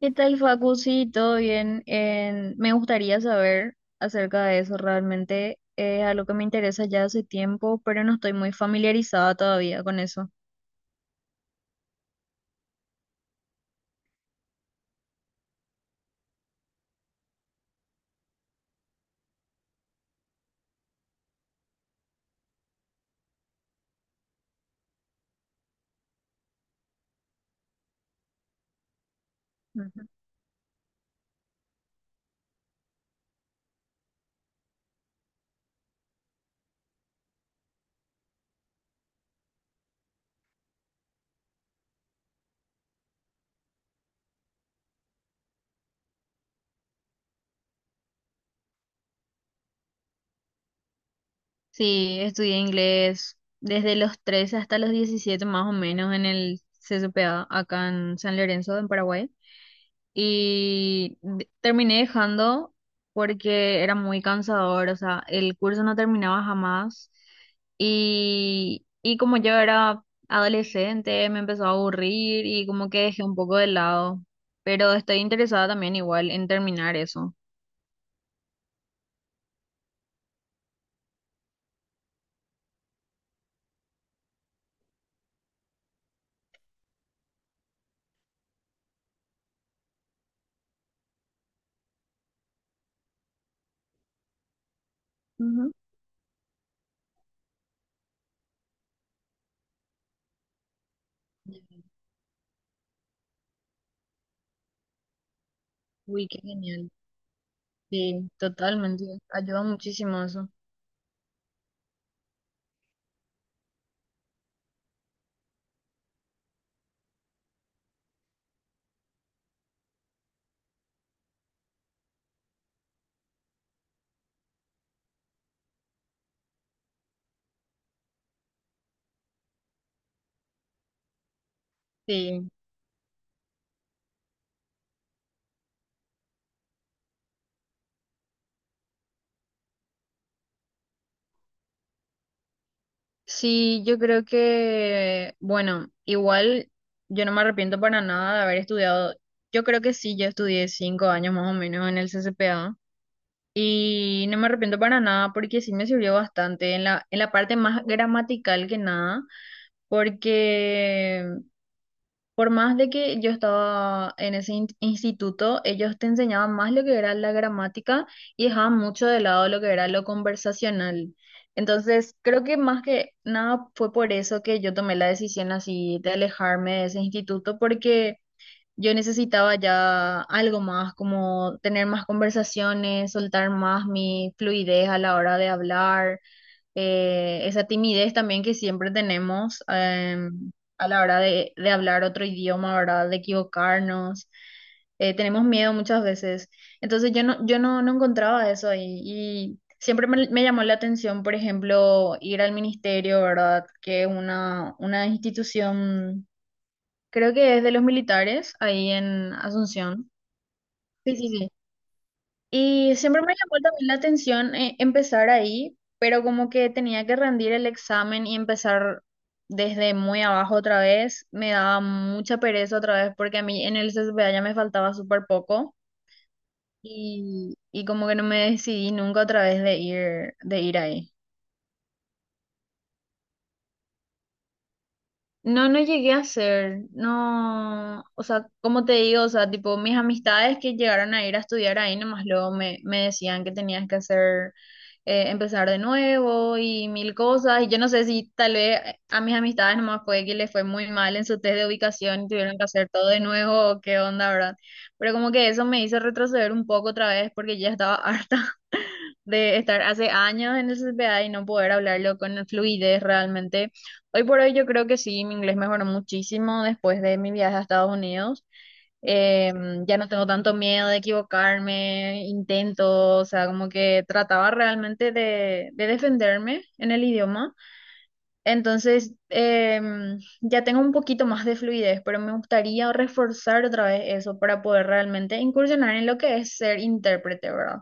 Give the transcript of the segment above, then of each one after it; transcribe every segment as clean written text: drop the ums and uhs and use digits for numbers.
¿Qué tal, Facu? Sí, todo bien. Me gustaría saber acerca de eso realmente. Es algo que me interesa ya hace tiempo, pero no estoy muy familiarizada todavía con eso. Ujú. Sí, estudié inglés desde los 13 hasta los 17 más o menos en el CCPA acá en San Lorenzo, en Paraguay. Terminé dejando porque era muy cansador, o sea, el curso no terminaba jamás y como yo era adolescente me empezó a aburrir y como que dejé un poco de lado, pero estoy interesada también igual en terminar eso. Ujú. Uy, qué genial. Sí, totalmente. Ayuda muchísimo eso. Sí. Sí, yo creo que, bueno, igual yo no me arrepiento para nada de haber estudiado. Yo creo que sí, yo estudié 5 años más o menos en el CCPA y no me arrepiento para nada porque sí me sirvió bastante en la parte más gramatical que nada, porque por más de que yo estaba en ese instituto, ellos te enseñaban más lo que era la gramática y dejaban mucho de lado lo que era lo conversacional. Entonces, creo que más que nada fue por eso que yo tomé la decisión así de alejarme de ese instituto, porque yo necesitaba ya algo más, como tener más conversaciones, soltar más mi fluidez a la hora de hablar esa timidez también que siempre tenemos a la hora de hablar otro idioma, ¿verdad? De equivocarnos. Tenemos miedo muchas veces. Entonces yo no encontraba eso ahí y siempre me llamó la atención, por ejemplo, ir al ministerio, ¿verdad? Que es una institución, creo que es de los militares ahí en Asunción. Sí, sí, sí. Y siempre me llamó también la atención empezar ahí, pero como que tenía que rendir el examen y empezar desde muy abajo otra vez, me daba mucha pereza otra vez porque a mí en el CCPA ya me faltaba súper poco y como que no me decidí nunca otra vez de ir ahí. No, no llegué a hacer, no, o sea, como te digo, o sea, tipo, mis amistades que llegaron a ir a estudiar ahí, nomás luego me decían que tenías que hacer, empezar de nuevo y mil cosas, y yo no sé si tal vez a mis amistades nomás fue que les fue muy mal en su test de ubicación y tuvieron que hacer todo de nuevo, o qué onda, ¿verdad? Pero como que eso me hizo retroceder un poco otra vez porque ya estaba harta de estar hace años en el CPA y no poder hablarlo con fluidez realmente. Hoy por hoy yo creo que sí, mi inglés mejoró muchísimo después de mi viaje a Estados Unidos. Eh, ya no tengo tanto miedo de equivocarme, intento, o sea, como que trataba realmente de defenderme en el idioma. Entonces, ya tengo un poquito más de fluidez, pero me gustaría reforzar otra vez eso para poder realmente incursionar en lo que es ser intérprete, ¿verdad?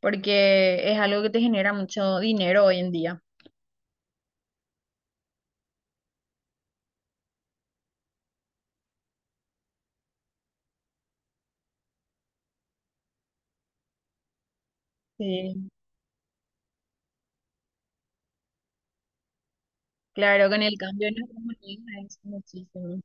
Porque es algo que te genera mucho dinero hoy en día. Sí. Claro, con el cambio de nuestra moneda es muchísimo.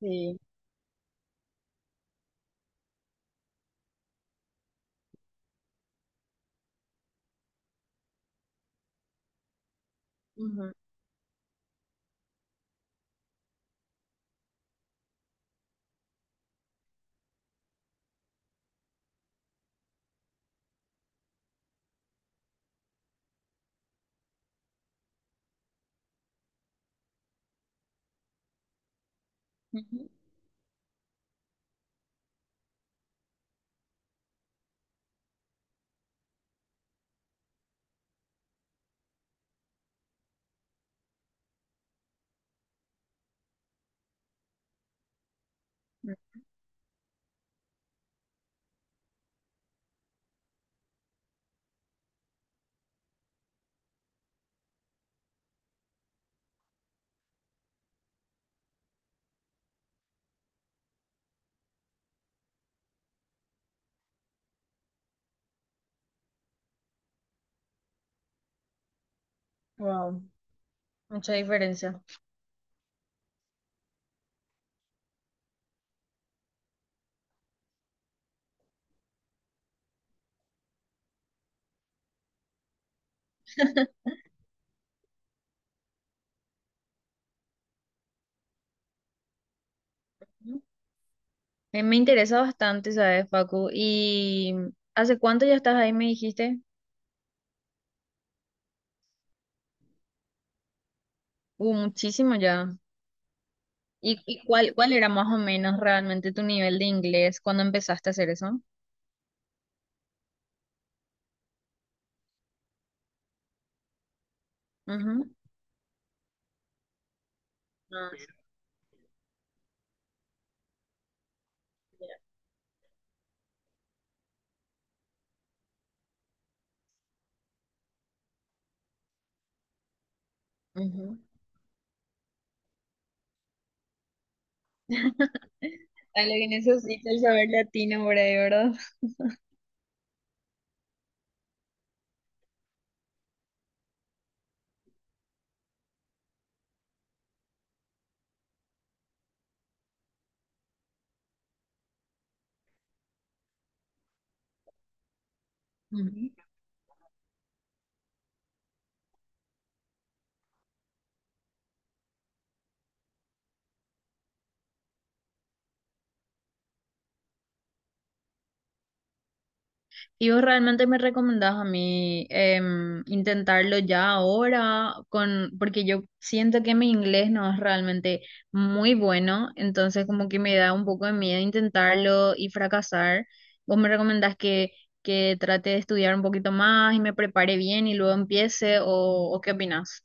Sí. Wow, mucha diferencia. Ujú. Me interesa bastante, ¿sabes, Facu? ¿Y hace cuánto ya estás ahí, me dijiste? Muchísimo ya. ¿Y cuál era más o menos realmente tu nivel de inglés cuando empezaste a hacer eso? Ujú. Ah, ujú. A lo que necesita el saber latino por ahí, ¿verdad? ¿Y vos realmente me recomendás a mí intentarlo ya ahora? Porque yo siento que mi inglés no es realmente muy bueno, entonces como que me da un poco de miedo intentarlo y fracasar. ¿Vos me recomendás que trate de estudiar un poquito más y me prepare bien y luego empiece? ¿O qué opinás?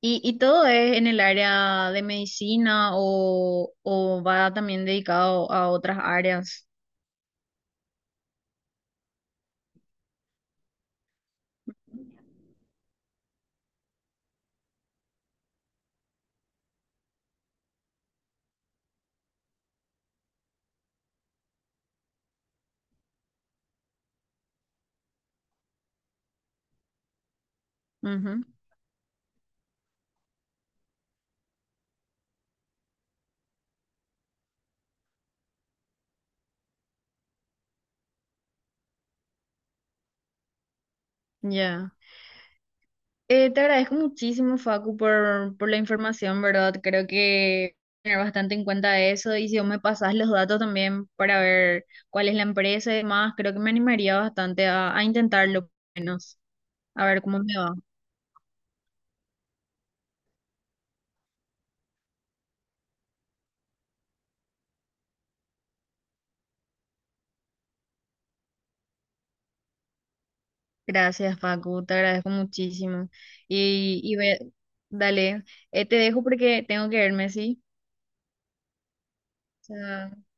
¿Y todo es en el área de medicina o va también dedicado a otras áreas? Ujú. Ya. Te agradezco muchísimo, Facu, por la información, ¿verdad? Creo que tener bastante en cuenta eso y si vos me pasás los datos también para ver cuál es la empresa y demás, creo que me animaría bastante a intentarlo, por lo menos, a ver cómo me va. Gracias, Facu, te agradezco muchísimo. Y, y ve- dale, te dejo porque tengo que irme, ¿sí? Chao.